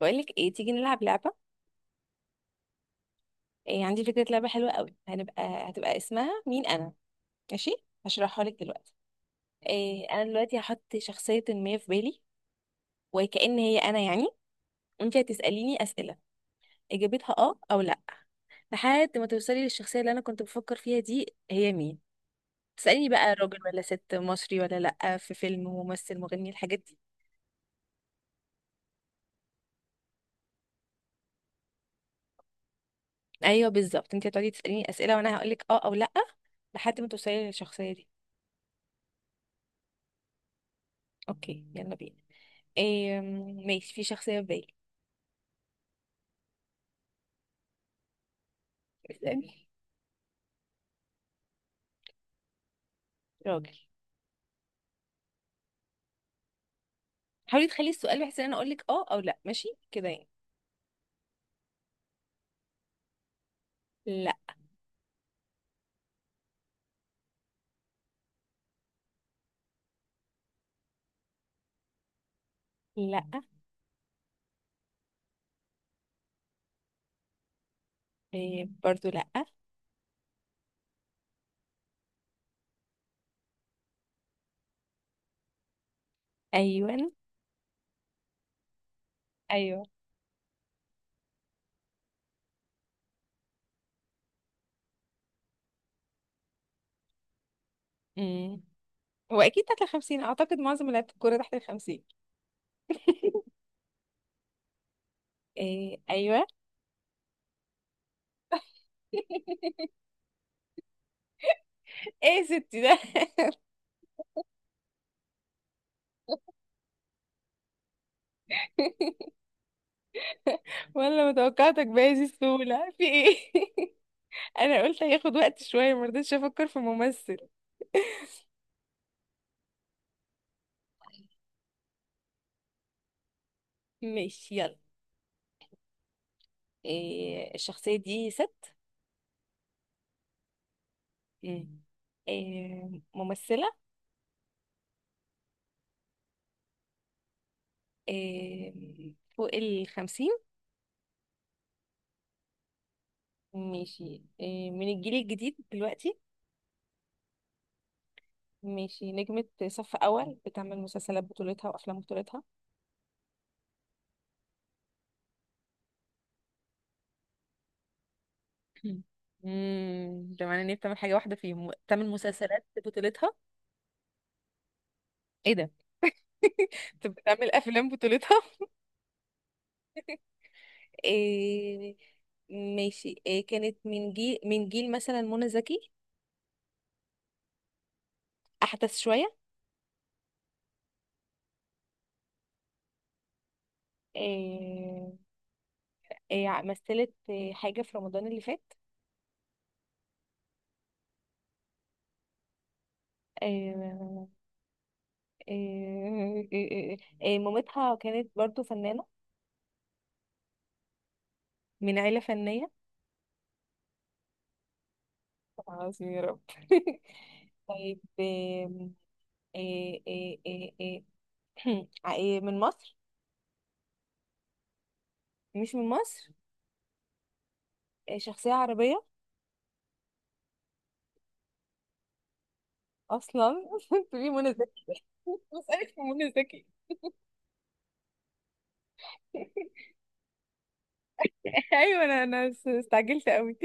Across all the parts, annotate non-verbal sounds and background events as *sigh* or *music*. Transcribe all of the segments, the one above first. بقولك ايه، تيجي نلعب لعبة. إيه عندي فكرة لعبة حلوة قوي، هتبقى اسمها مين انا. ماشي. هشرحها لك دلوقتي. إيه، انا دلوقتي هحط شخصية ما في بالي، وكأن هي انا يعني. وانت هتسأليني أسئلة اجابتها اه او لا، لحد ما توصلي للشخصية اللي انا كنت بفكر فيها دي هي مين. تسأليني بقى راجل ولا ست، مصري ولا لا، في فيلم، ممثل، مغني، الحاجات دي. ايوه بالظبط، انت هتقعدي تسأليني أسئلة وانا هقولك اه او لا لحد ما توصلي للشخصية دي. اوكي يلا بينا. إيه، ماشي، في شخصية في بالي. اسألي. راجل. حاولي تخلي السؤال بحيث ان انا اقول لك اه او لا، ماشي كده يعني. لا، لا. إيه برضو لا. ايوه، ايوه. امم هو اكيد تحت الخمسين، اعتقد معظم لعيبه الكوره تحت الخمسين. إيه ايوه. *laughs* ايه يا ستي ده. *laughs* ولا متوقعتك بهذه السهوله، في ايه. *laughs* انا قلت هياخد وقت شويه، ما رضيتش افكر في ممثل. ماشي يلا. إيه، الشخصيه دي ست؟ مم. إيه، ممثله؟ إيه، فوق الخمسين؟ ماشي، من الجيل الجديد دلوقتي؟ ماشي، نجمة صف أول بتعمل مسلسلات بطولتها وأفلام بطولتها؟ *laughs* ده معناه ان هي بتعمل حاجة واحدة فيهم، بتعمل مسلسلات بطولتها؟ ايه ده. *laughs* طب بتعمل أفلام بطولتها؟ *laughs* إيه. ماشي، إيه، كانت من جيل مثلا منى زكي؟ أحدث شوية؟ إيه. مثلت حاجة في رمضان اللي فات؟ إيه إيه، مامتها كانت برضو فنانة؟ من عيلة فنية؟ طبعا، عظيم يا رب. *laughs* طيب آم، آه، آه، آه، آه، *clears throat* آه، من مصر؟ مش من مصر. شخصية عربية؟ أصلا. *laughs* تقولي منى زكي، *laughs* بسألك في منى زكي. *laughs* أيوة، أنا استعجلت قوي.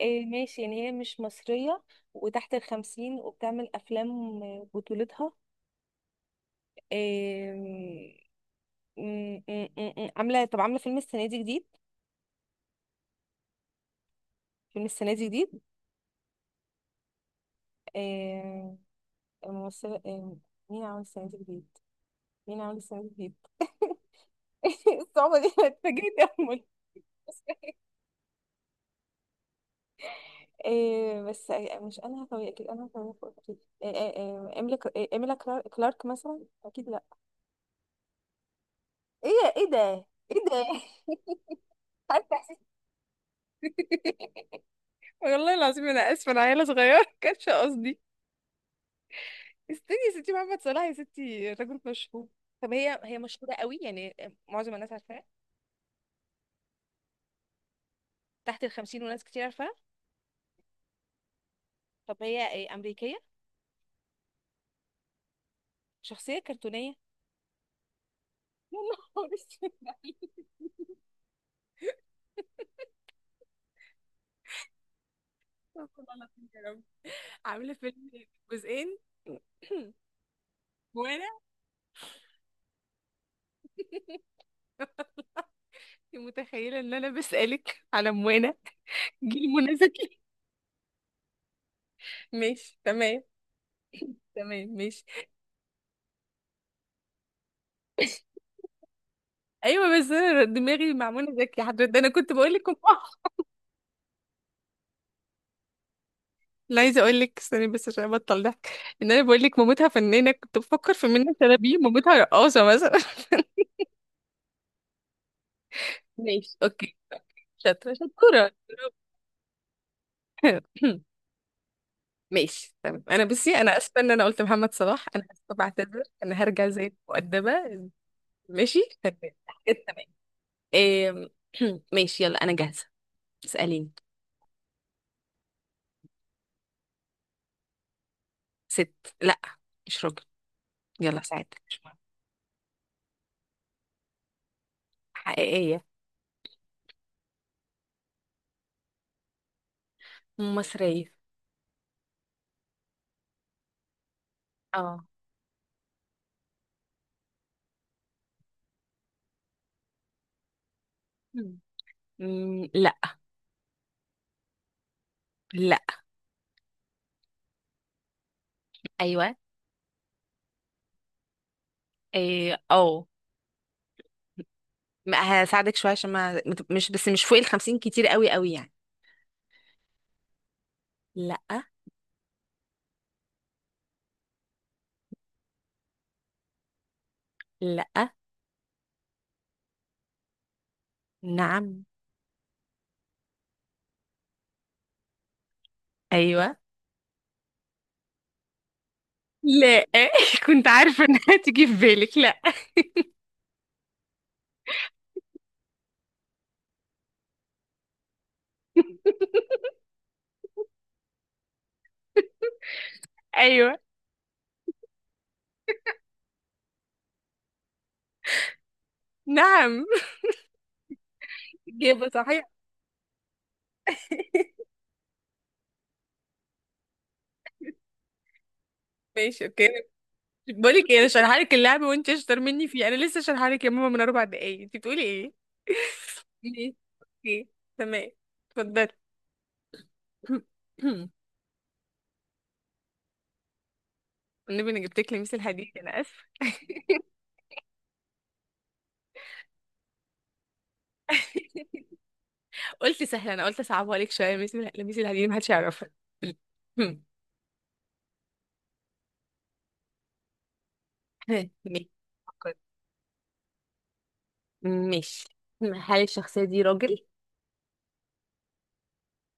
ماشي، يعني هي مش مصرية وتحت الخمسين وبتعمل أفلام بطولتها. آم، م- م- م- م- عاملة، طب عاملة فيلم السنة دي جديد؟ فيلم السنة دي جديد. الممثلة. مين عامل السنة دي جديد؟ مين عامل السنة دي جديد؟ *laughs* الصعوبة دي أنا اتفاجئت. أول. بس مش أنا هتوي، أكيد أنا هتوي فوق أكيد. إيه إيميلي كلا-، إيميلا كلارك مثلا، أكيد لأ. إيه. إيه ده؟ إيه ده؟ *laughs* عارفة إحساس-. *laughs* والله العظيم انا اسفه، انا عيله صغيره، *laughs* كانش قصدي. استني يا ستي، محمد صلاح يا ستي راجل مشهور. طب، هي مشهوره قوي يعني؟ معظم الناس عارفاها. تحت الخمسين وناس كتير عارفاها. طب هي امريكيه؟ شخصيه كرتونيه؟ *laughs* يا نهار اسود بعيد. استغفر الله العظيم يا رب. عاملة فيلم جزئين؟ *laughs* *clears throat* موانا. انت متخيلة ان انا بسألك على موانا؟ جيل منى زكي. *laughs* ماشي تمام. تمام ماشي. *laughs* ايوه، بس انا دماغي مع منى زكي حضرتك، ده انا كنت بقول لكم اه. لا، *laughs* عايزه اقول لك استني بس عشان ابطل ضحك، ان انا بقول لك مامتها فنانه كنت بفكر في منى شلبي، مامتها رقاصه مثلا. *laughs* ماشي اوكي. شاطره شطوره. *laughs* ماشي تمام، انا بصي، انا اسفه ان انا قلت محمد صلاح، انا اسفه، بعتذر، انا هرجع زي المؤدبه. ماشي تمام. تمام. إيه. *clears throat* ماشي يلا، انا جاهزه. اساليني. ست، لا، مش راجل. يلا ساعتك مش مهم. حقيقيه. مصريه. اه. مم، مم، لا. لا. ايوه. اه. ما هساعدك شويه، عشان ما مش، بس مش فوق الخمسين كتير قوي قوي يعني. لا. لا. نعم. ايوه. لا. *laughs* كنت عارفة انها تيجي في بالك، لا. *laughs* ايوه. نعم. إجابة صحيحة. ماشي اوكي. بقول لك ايه، انا شارحه لك اللعبة وانت اشطر مني فيه، انا لسه شارحه لك يا ماما من 4 دقايق، انت بتقولي ايه؟ *laughs* ليه؟ اوكي، تمام، اتفضلي. *clears throat* *coughs* والنبي انا جبت لك لميس الحديد، انا اسفة. *laughs* قلت سهلة، انا قلت اصعبها لك شوية، لميس الحديد محدش يعرفها. *clears throat* *laughs* ماشي. ماشي، هل الشخصية دي راجل؟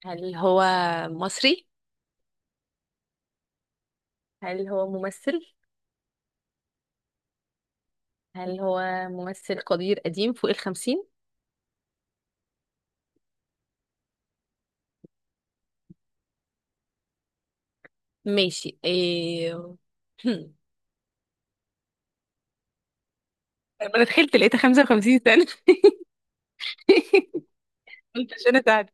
هل هو مصري؟ هل هو ممثل؟ هل هو ممثل قدير قديم فوق الخمسين؟ ماشي. إيه... هم. لما انا دخلت لقيتها 55 سنة. *laughs* قلت عشان اساعدك.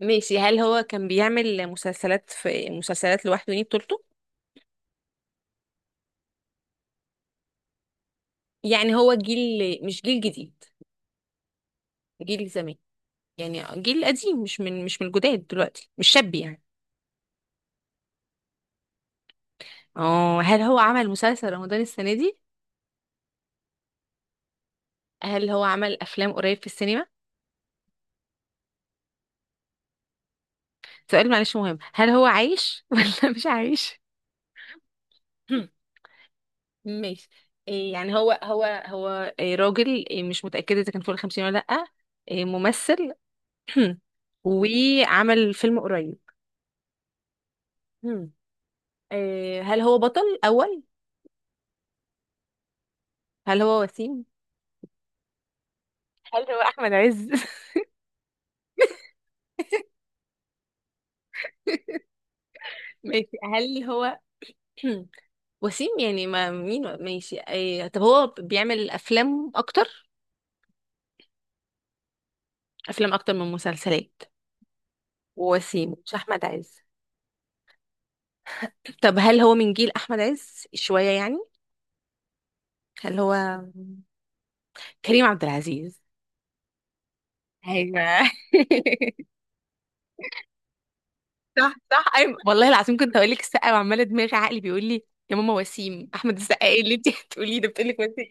ماشي، هل هو كان بيعمل مسلسلات، في مسلسلات لوحده دي بطولته؟ يعني هو جيل، مش جيل جديد، جيل زمان. يعني جيل قديم، مش من الجداد دلوقتي، مش شاب يعني. اه، هل هو عمل مسلسل رمضان السنة دي؟ هل هو عمل افلام قريب في السينما؟ سؤال معلش مهم، هل هو عايش *laughs* ولا مش عايش؟ *clears throat* ماشي. إيه، يعني هو إيه، راجل، إيه، مش متأكدة إذا كان فوق الخمسين ولا لأ. إيه، ممثل. *clears throat* وعمل فيلم قريب. مم. إيه، هل هو بطل أول؟ هل هو وسيم؟ هل هو أحمد عز؟ *laughs* ماشي. هل هو *clears throat* وسيم يعني، ما مين، ماشي، إيه، طب هو بيعمل أفلام أكتر؟ أفلام أكتر من مسلسلات. وسيم مش أحمد عز. طب هل هو من جيل احمد عز شويه يعني؟ هل هو كريم عبد العزيز؟ ايوه. *laughs* صح صح ايوه، والله العظيم كنت هقول لك السقا، وعماله دماغي عقلي بيقول لي يا ماما وسيم احمد السقا، ايه اللي انت *laughs* هتقوليه، ده بتقول لك وسيم.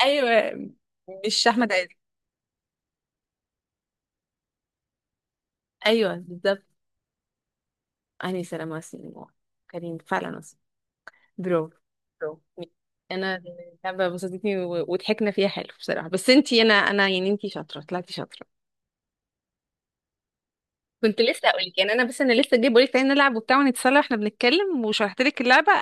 ايوه، مش احمد عز. ايوه بالظبط، انا سلام وسيم، كريم فعلا وسيم. برافو. برافو. انا، اللعبه بسطتني وضحكنا فيها حلو بصراحه، بس انتي، انا، يعني انتي شاطره، طلعتي شاطره. كنت لسه اقول لك يعني، انا بس انا لسه جاي بقول لك تعالي نلعب وبتاع ونتسلى واحنا بنتكلم، وشرحت لك اللعبه.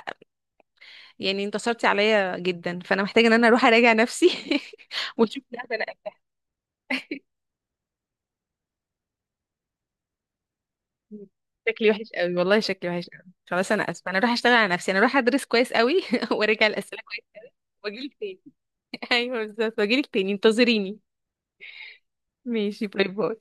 يعني انتصرتي عليا جدا، فانا محتاجه ان انا اروح اراجع نفسي *laughs* واشوف اللعبه، انا قفلتها. شكلي وحش قوي والله، شكلي وحش قوي، خلاص انا اسفه، انا اروح اشتغل على نفسي، انا اروح ادرس كويس قوي *laughs* وارجع الاسئله كويس قوي. واجيلك تاني. *laughs* ايوه بالظبط، واجيلك تاني، انتظريني. ماشي، باي باي.